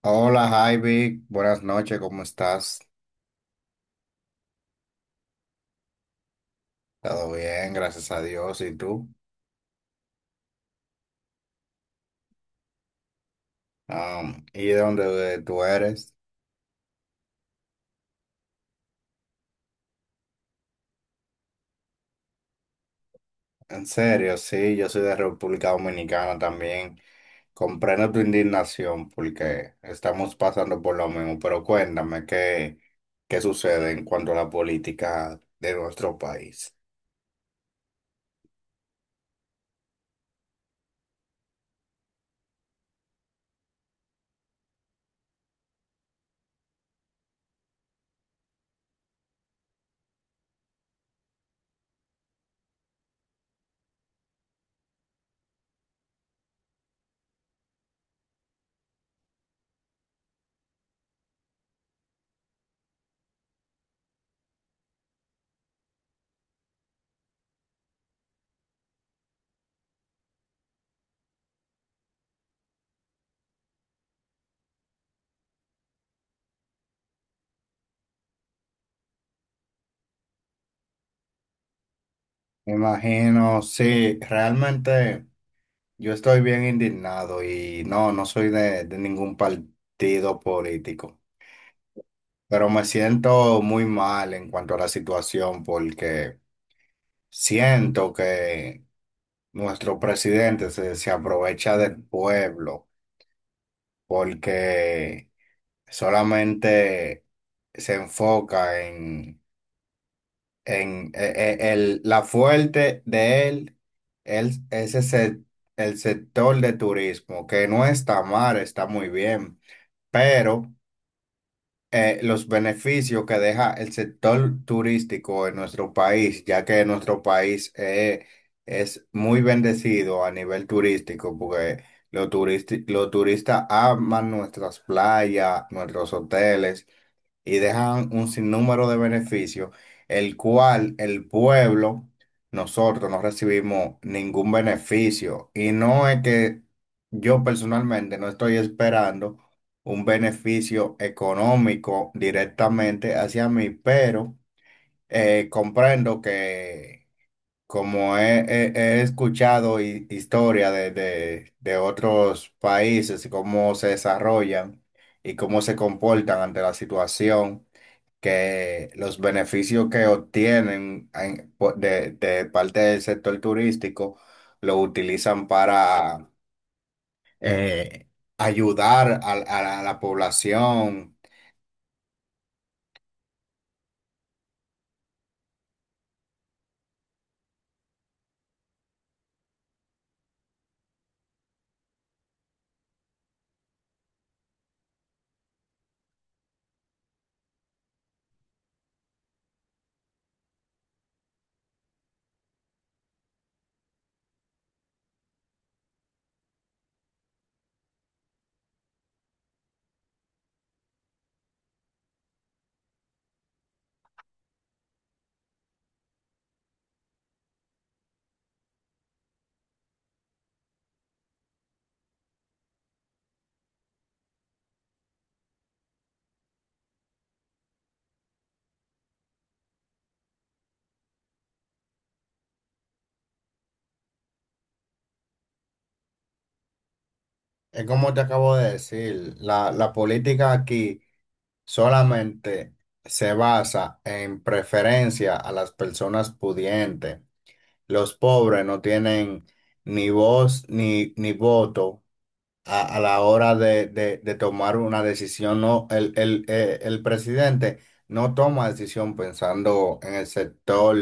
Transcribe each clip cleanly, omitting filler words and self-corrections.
Hola Javi, buenas noches, ¿cómo estás? Todo bien, gracias a Dios. ¿Y tú? ¿Y de dónde tú eres? En serio, sí, yo soy de República Dominicana también. Comprendo tu indignación porque estamos pasando por lo mismo, pero cuéntame qué sucede en cuanto a la política de nuestro país. Me imagino, sí, realmente yo estoy bien indignado y no, no soy de ningún partido político. Pero me siento muy mal en cuanto a la situación porque siento que nuestro presidente se aprovecha del pueblo porque solamente se enfoca en la fuerte de él, él es ese- el sector de turismo, que no está mal, está muy bien, pero los beneficios que deja el sector turístico en nuestro país, ya que nuestro país es muy bendecido a nivel turístico, porque los turistas aman nuestras playas, nuestros hoteles y dejan un sinnúmero de beneficios, el cual el pueblo, nosotros no recibimos ningún beneficio. Y no es que yo personalmente no estoy esperando un beneficio económico directamente hacia mí, pero comprendo que como he escuchado historia de otros países y cómo se desarrollan y cómo se comportan ante la situación, que los beneficios que obtienen de parte del sector turístico lo utilizan para eh, ayudar a la a la población. Es como te acabo de decir, la política aquí solamente se basa en preferencia a las personas pudientes. Los pobres no tienen ni voz ni voto a la hora de tomar una decisión. No, el presidente no toma decisión pensando en el sector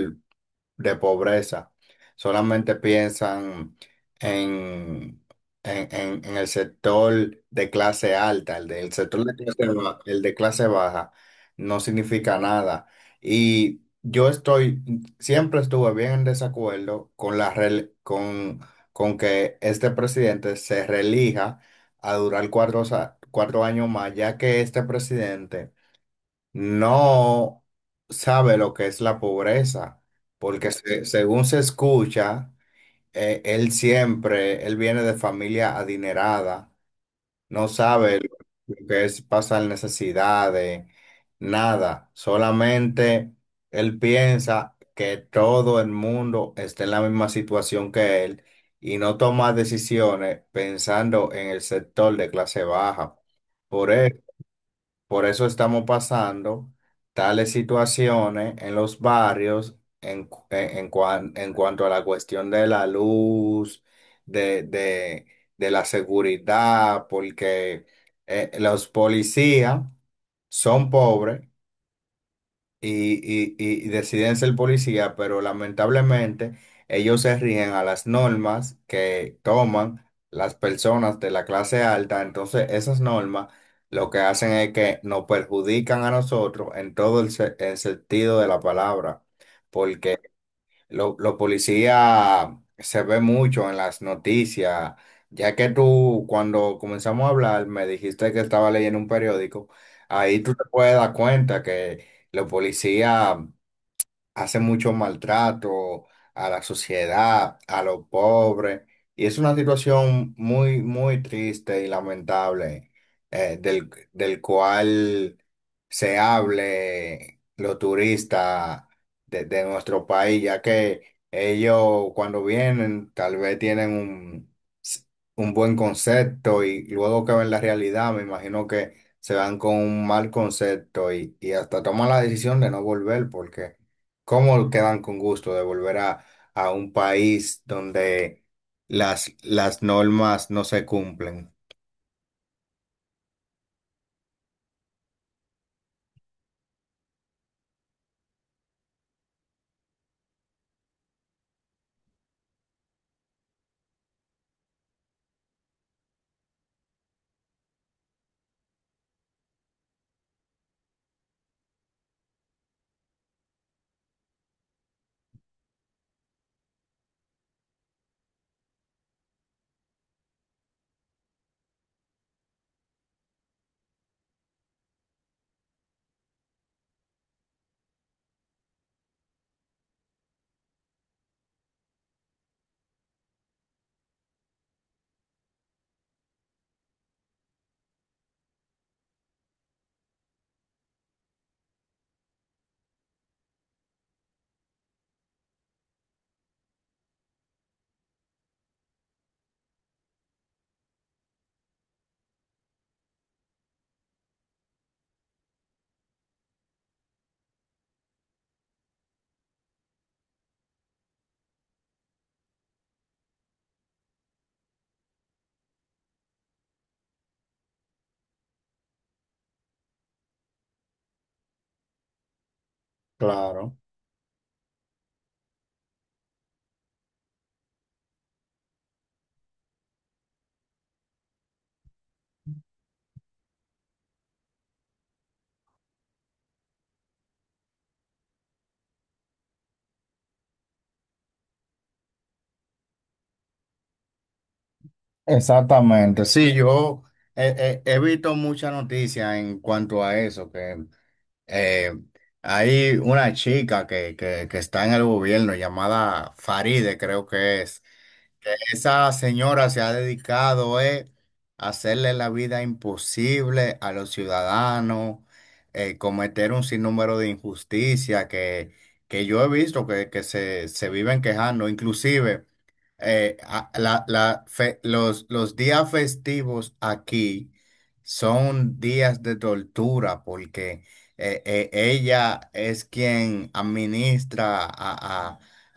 de pobreza. Solamente piensan en, en el sector de clase alta, el del sector de clase baja, el de clase baja no significa nada. Y yo estoy, Siempre estuve bien en desacuerdo con con que este presidente se reelija a durar cuatro años más, ya que este presidente no sabe lo que es la pobreza, porque según se escucha, él viene de familia adinerada, no sabe lo que es pasar necesidades, nada, solamente él piensa que todo el mundo está en la misma situación que él y no toma decisiones pensando en el sector de clase baja. Por eso, por eso estamos pasando tales situaciones en los barrios en, cu- en cuan- en cuanto a la cuestión de la luz, de, de- de la seguridad, porque los policías son pobres y deciden ser policía, pero lamentablemente ellos se rigen a las normas que toman las personas de la clase alta. Entonces, esas normas lo que hacen es que nos perjudican a nosotros en todo el sentido de la palabra, porque lo Los policías se ve mucho en las noticias, ya que tú cuando comenzamos a hablar me dijiste que estaba leyendo un periódico, ahí tú te puedes dar cuenta que los policías hace mucho maltrato a la sociedad, a los pobres, y es una situación muy, muy triste y lamentable, del cual se hable los turistas de nuestro país, ya que ellos cuando vienen tal vez tienen un buen concepto y luego que ven la realidad, me imagino que se van con un mal concepto y hasta toman la decisión de no volver porque ¿cómo quedan con gusto de volver a un país donde las normas no se cumplen? Claro. Exactamente. Sí, yo he visto mucha noticia en cuanto a eso, que eh, hay una chica que está en el gobierno llamada Faride, creo que es. Esa señora se ha dedicado a hacerle la vida imposible a los ciudadanos, cometer un sinnúmero de injusticias que yo he visto se viven quejando. Inclusive, los días festivos aquí son días de tortura porque ella es quien administra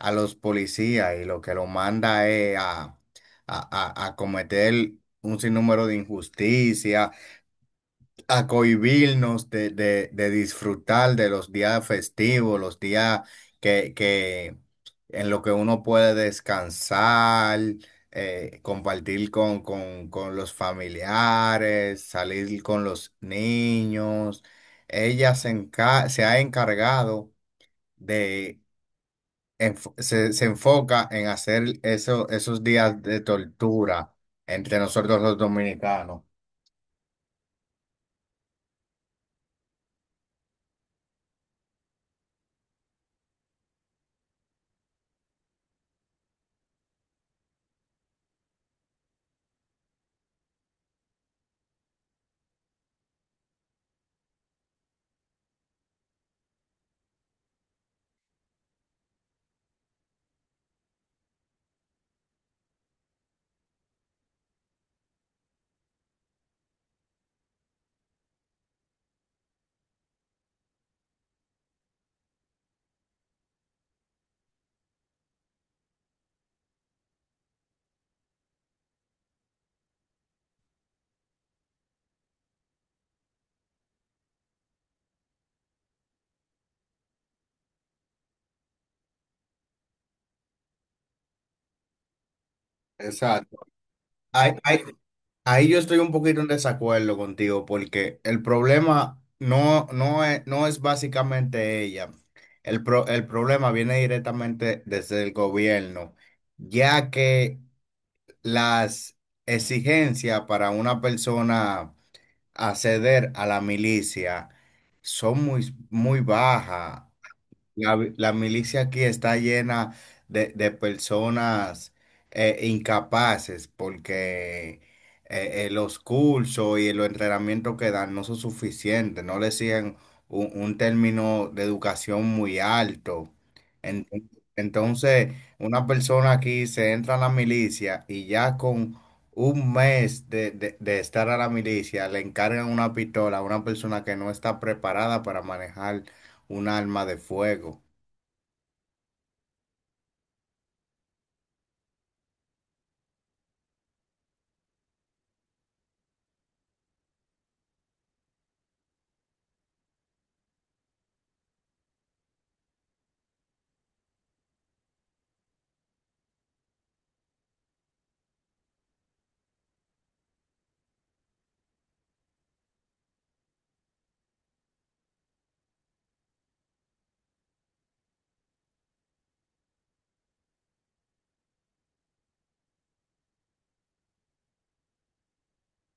a los policías y lo que los manda es a cometer un sinnúmero de injusticia, a cohibirnos de disfrutar de los días festivos, los días que en lo que uno puede descansar, compartir con los familiares, salir con los niños. Se ha encargado de se enfoca en hacer eso, esos días de tortura entre nosotros los dominicanos. Exacto. Ahí, ahí- Ahí yo estoy un poquito en desacuerdo contigo porque el problema no es básicamente ella. El problema viene directamente desde el gobierno, ya que las exigencias para una persona acceder a la milicia son muy, muy bajas. La milicia aquí está llena de personas incapaces porque los cursos y los entrenamientos que dan no son suficientes, no le siguen un término de educación muy alto. En- Entonces, una persona aquí se entra a la milicia y ya con un mes de de estar a la milicia le encargan una pistola a una persona que no está preparada para manejar un arma de fuego.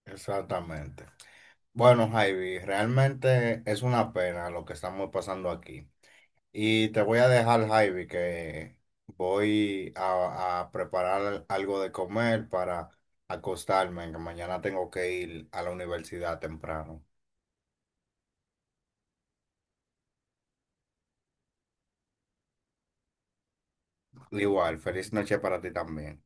Exactamente. Bueno, Javi, realmente es una pena lo que estamos pasando aquí. Y te voy a dejar, Javi, que voy a preparar algo de comer para acostarme, que mañana tengo que ir a la universidad temprano. Igual, feliz noche para ti también.